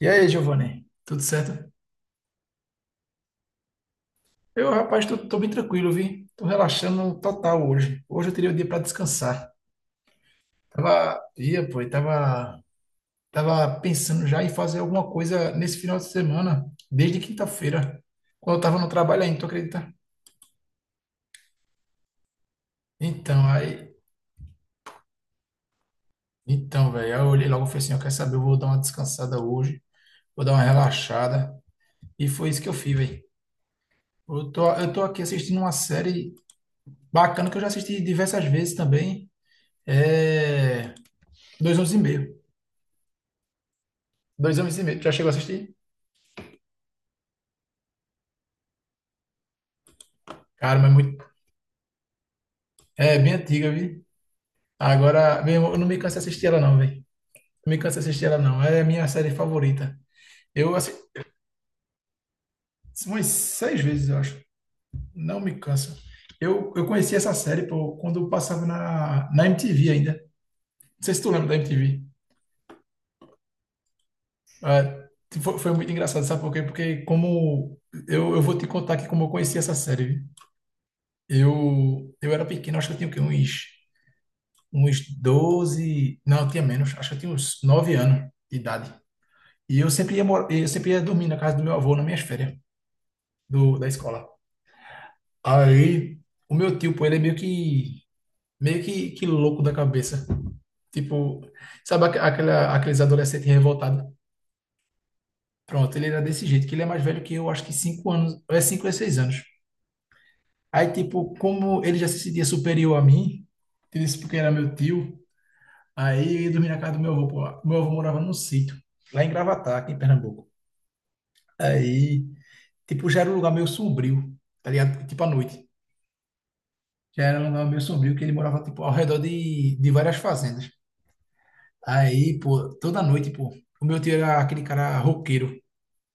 E aí, Giovanni? Tudo certo? Eu, rapaz, tô bem tranquilo, vi. Tô relaxando total hoje. Hoje eu teria o dia para descansar. Tava, ia, pô, e tava, tava pensando já em fazer alguma coisa nesse final de semana, desde quinta-feira, quando eu tava no trabalho ainda, tu acredita? Então, aí, então, velho, aí eu olhei logo e falei assim, eu quero saber, eu vou dar uma descansada hoje, vou dar uma relaxada. E foi isso que eu fiz, velho. Eu tô aqui assistindo uma série bacana que eu já assisti diversas vezes também. É... Dois anos e Meio. Dois anos e Meio. Tu já chegou a assistir? Cara, mas muito. É bem antiga, vi. Agora, meu irmão, eu não me canso de assistir ela, não, velho. Não me canso de assistir ela, não. É a minha série favorita. Eu assisti umas seis vezes, eu acho. Não me canso. Eu conheci essa série, pô, quando eu passava na MTV ainda. Não sei se tu lembra da MTV. É, foi muito engraçado, sabe por quê? Porque como. Eu vou te contar aqui como eu conheci essa série. Viu? Eu era pequeno, acho que eu tinha o quê? Uns 12 não, eu tinha menos, acho que eu tinha uns 9 anos de idade. Eu sempre ia dormir na casa do meu avô nas minhas férias da escola. Aí, o meu tio, pô, ele é meio que louco da cabeça. Tipo, sabe aqueles adolescentes revoltados? Pronto, ele era desse jeito, que ele é mais velho que eu, acho que 5 anos, ou é 5 ou é 6 anos. Aí, tipo, como ele já se sentia superior a mim, ele disse porque era meu tio. Aí eu ia dormir na casa do meu avô, pô, lá. Meu avô morava num sítio, lá em Gravatá, aqui em Pernambuco. Aí, tipo, já era um lugar meio sombrio, tá ligado? Tipo, à noite. Já era um lugar meio sombrio, que ele morava, tipo, ao redor de várias fazendas. Aí, pô, toda noite, pô, o meu tio era aquele cara roqueiro,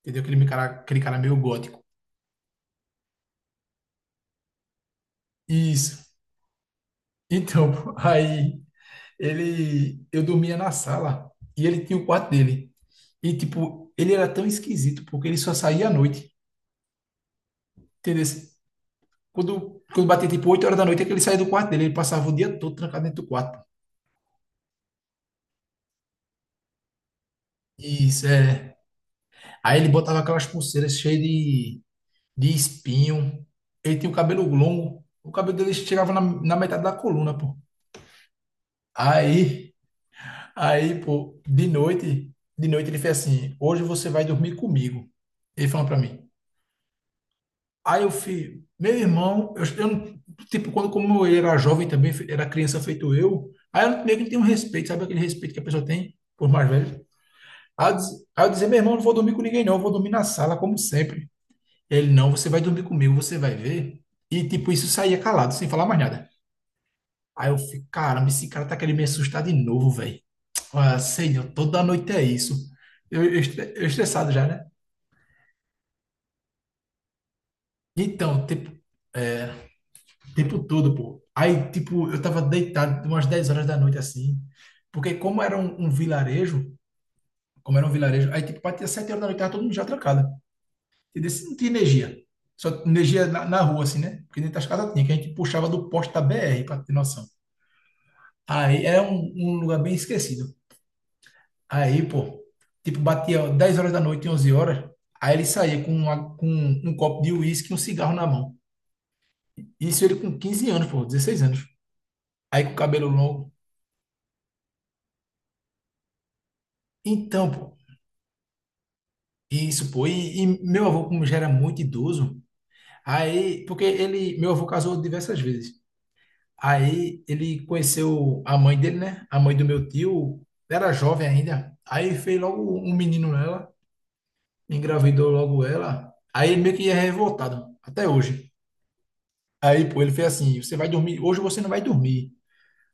entendeu? Aquele cara meio gótico. Isso. Então, pô, aí, eu dormia na sala e ele tinha o quarto dele. E, tipo, ele era tão esquisito, porque ele só saía à noite, entendeu? Quando batia tipo 8 horas da noite, é que ele saía do quarto dele. Ele passava o dia todo trancado dentro do quarto. Isso, é. Aí ele botava aquelas pulseiras cheias de espinho. Ele tinha o cabelo longo. O cabelo dele chegava na metade da coluna, pô. Aí, aí, pô, de noite ele fez assim: Hoje você vai dormir comigo. Ele falou pra mim. Aí eu fui, meu irmão, eu não- tipo, quando como eu era jovem também, era criança feito eu, aí eu meio que não tenho um respeito, sabe aquele respeito que a pessoa tem por mais velho? Aí eu dizia, meu irmão, não vou dormir com ninguém, não, eu vou dormir na sala, como sempre. Ele, não, você vai dormir comigo, você vai ver. E, tipo, isso saía calado, sem falar mais nada. Aí eu fico, caramba, esse cara tá querendo me assustar de novo, velho. Ah, Senhor, toda noite é isso. Eu estressado já, né? Então, tipo, é, tempo todo, pô. Aí, tipo, eu tava deitado umas 10 horas da noite, assim. Porque como era um vilarejo, como era um vilarejo, aí, tipo, batia 7 horas da noite, tava todo mundo já trancado. Entendeu? Se não tinha energia. Só tinha energia na rua, assim, né? Porque dentro das casas tinha, que a gente puxava do poste da BR, pra ter noção. Aí era um lugar bem esquecido. Aí, pô, tipo, batia 10 horas da noite, 11 horas. Aí ele saía com um copo de uísque e um cigarro na mão. Isso ele com 15 anos, pô, 16 anos. Aí com o cabelo longo. Então, pô, isso, pô. E meu avô, como já era muito idoso, aí, porque ele, meu avô casou diversas vezes. Aí ele conheceu a mãe dele, né? A mãe do meu tio era jovem ainda. Aí fez logo um menino nela, engravidou logo ela. Aí ele meio que é revoltado, até hoje. Aí, pô, ele fez assim: você vai dormir, hoje você não vai dormir.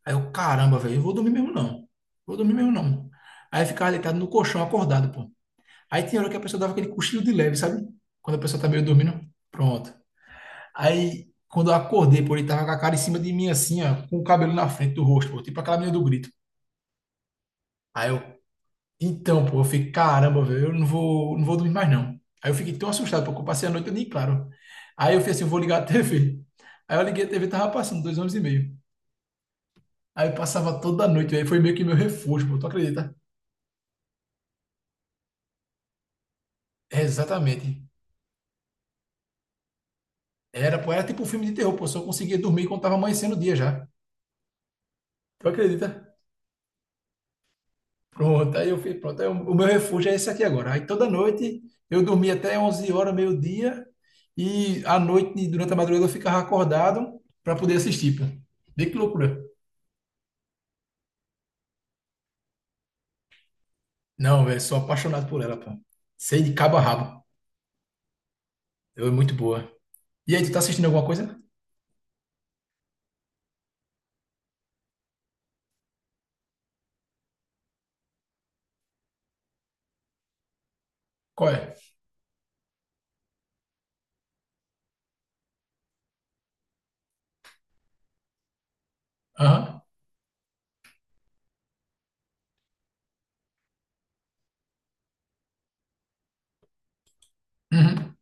Aí eu, caramba, velho, eu vou dormir mesmo não. Vou dormir mesmo não. Aí ficava deitado no colchão, acordado, pô. Aí tinha hora que a pessoa dava aquele cochilo de leve, sabe? Quando a pessoa tá meio dormindo. Pronto. Aí, quando eu acordei, pô, ele tava com a cara em cima de mim, assim, ó, com o cabelo na frente do rosto, pô, tipo aquela menina do grito. Aí eu, então, pô, eu fiquei, caramba, velho, eu não vou dormir mais não. Aí eu fiquei tão assustado, porque eu passei a noite nem claro. Aí eu fiz assim, eu vou ligar a TV. Aí eu liguei a TV, e tava passando dois anos e meio. Aí eu passava toda noite, aí foi meio que meu refúgio, pô, tu acredita? É, exatamente. Era, pô, era tipo um filme de terror, pô, só conseguia dormir quando tava amanhecendo o dia já. Tu acredita? Pronto, aí eu fui, pronto. Aí o meu refúgio é esse aqui agora. Aí toda noite eu dormia até 11 horas, meio-dia, e à noite, durante a madrugada, eu ficava acordado para poder assistir, pô. Vê que loucura. Não, velho, sou apaixonado por ela, pô. Sei de cabo a rabo. Ela é muito boa. E aí, tu tá assistindo alguma coisa? Qual é? Aham. Uhum.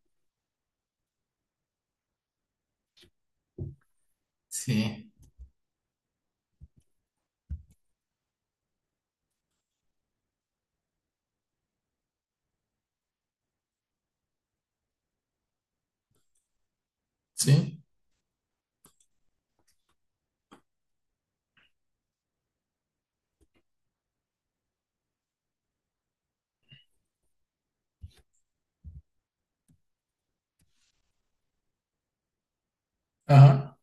Sim. Sim. Aham.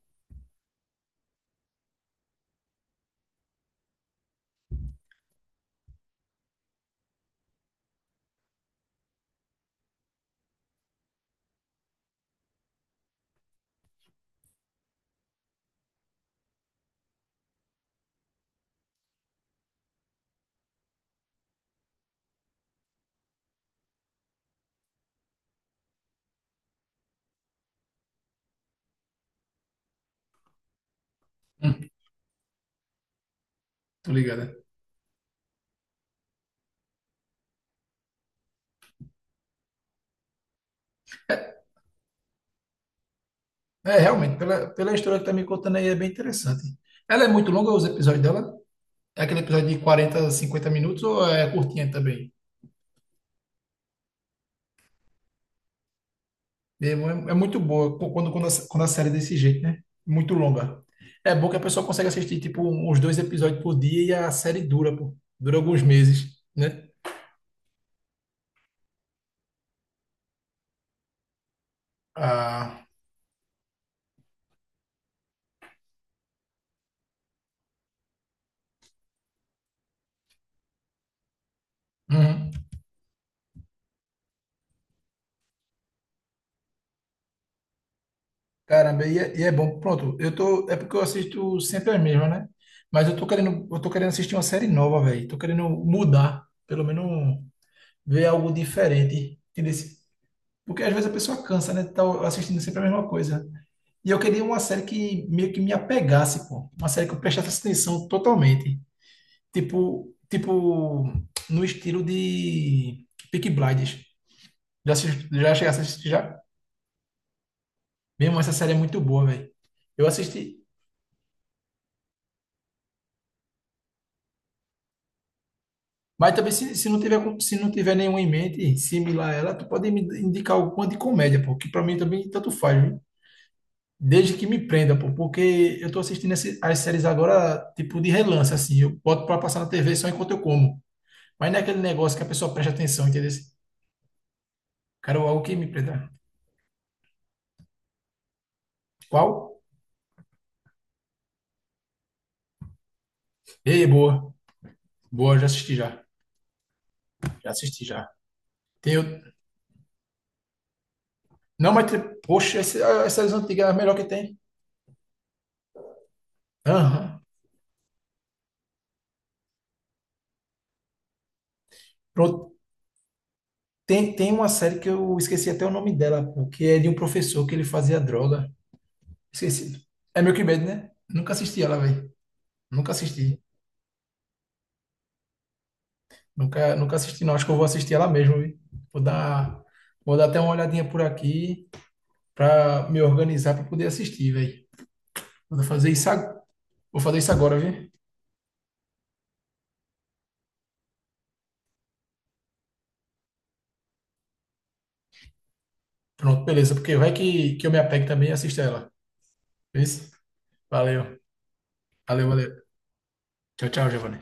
Hum, Tô ligada. É, é, realmente, pela história que tá me contando aí, é bem interessante. Ela é muito longa, os episódios dela? É aquele episódio de 40 50 minutos ou é curtinha também? É muito boa quando a série é desse jeito, né? Muito longa. É bom que a pessoa consegue assistir, tipo, uns dois episódios por dia e a série dura, pô. Dura alguns meses, né? Ah, uhum. Caramba, e é bom. Pronto, é porque eu assisto sempre as mesmas, né? Mas eu tô querendo assistir uma série nova, velho. Tô querendo mudar, pelo menos ver algo diferente. Entendeu? Porque às vezes a pessoa cansa, né? Tá assistindo sempre a mesma coisa. E eu queria uma série que meio que me apegasse, pô. Uma série que eu prestasse atenção totalmente. Tipo no estilo de Peaky Blinders. Já cheguei a assistir já? Mesmo essa série é muito boa, velho. Eu assisti. Mas também se não tiver nenhuma em mente similar a ela, tu pode me indicar alguma de comédia, pô. Que pra mim também tanto faz, desde que me prenda, pô, porque eu tô assistindo as séries agora, tipo, de relance, assim. Eu boto pra passar na TV só enquanto eu como. Mas não é aquele negócio que a pessoa presta atenção, entendeu? Quero algo que me prenda. Qual? Ei, boa. Boa, já assisti já. Já assisti já. Tem o- Não, mas, poxa, as séries antigas é a melhor que tem. Aham. Pronto. Tem uma série que eu esqueci até o nome dela, pô, que é de um professor que ele fazia droga. Esqueci. É Milk Bad, né? Nunca assisti ela, velho. Nunca assisti. Nunca assisti, não. Acho que eu vou assistir ela mesmo, viu? Vou dar, vou dar até uma olhadinha por aqui para me organizar para poder assistir, velho. Vou fazer isso, ag- vou fazer isso agora, viu? Pronto, beleza. Porque vai que eu me apego também e assisto ela. Isso? Valeu. Valeu, valeu. Tchau, tchau, Giovanni.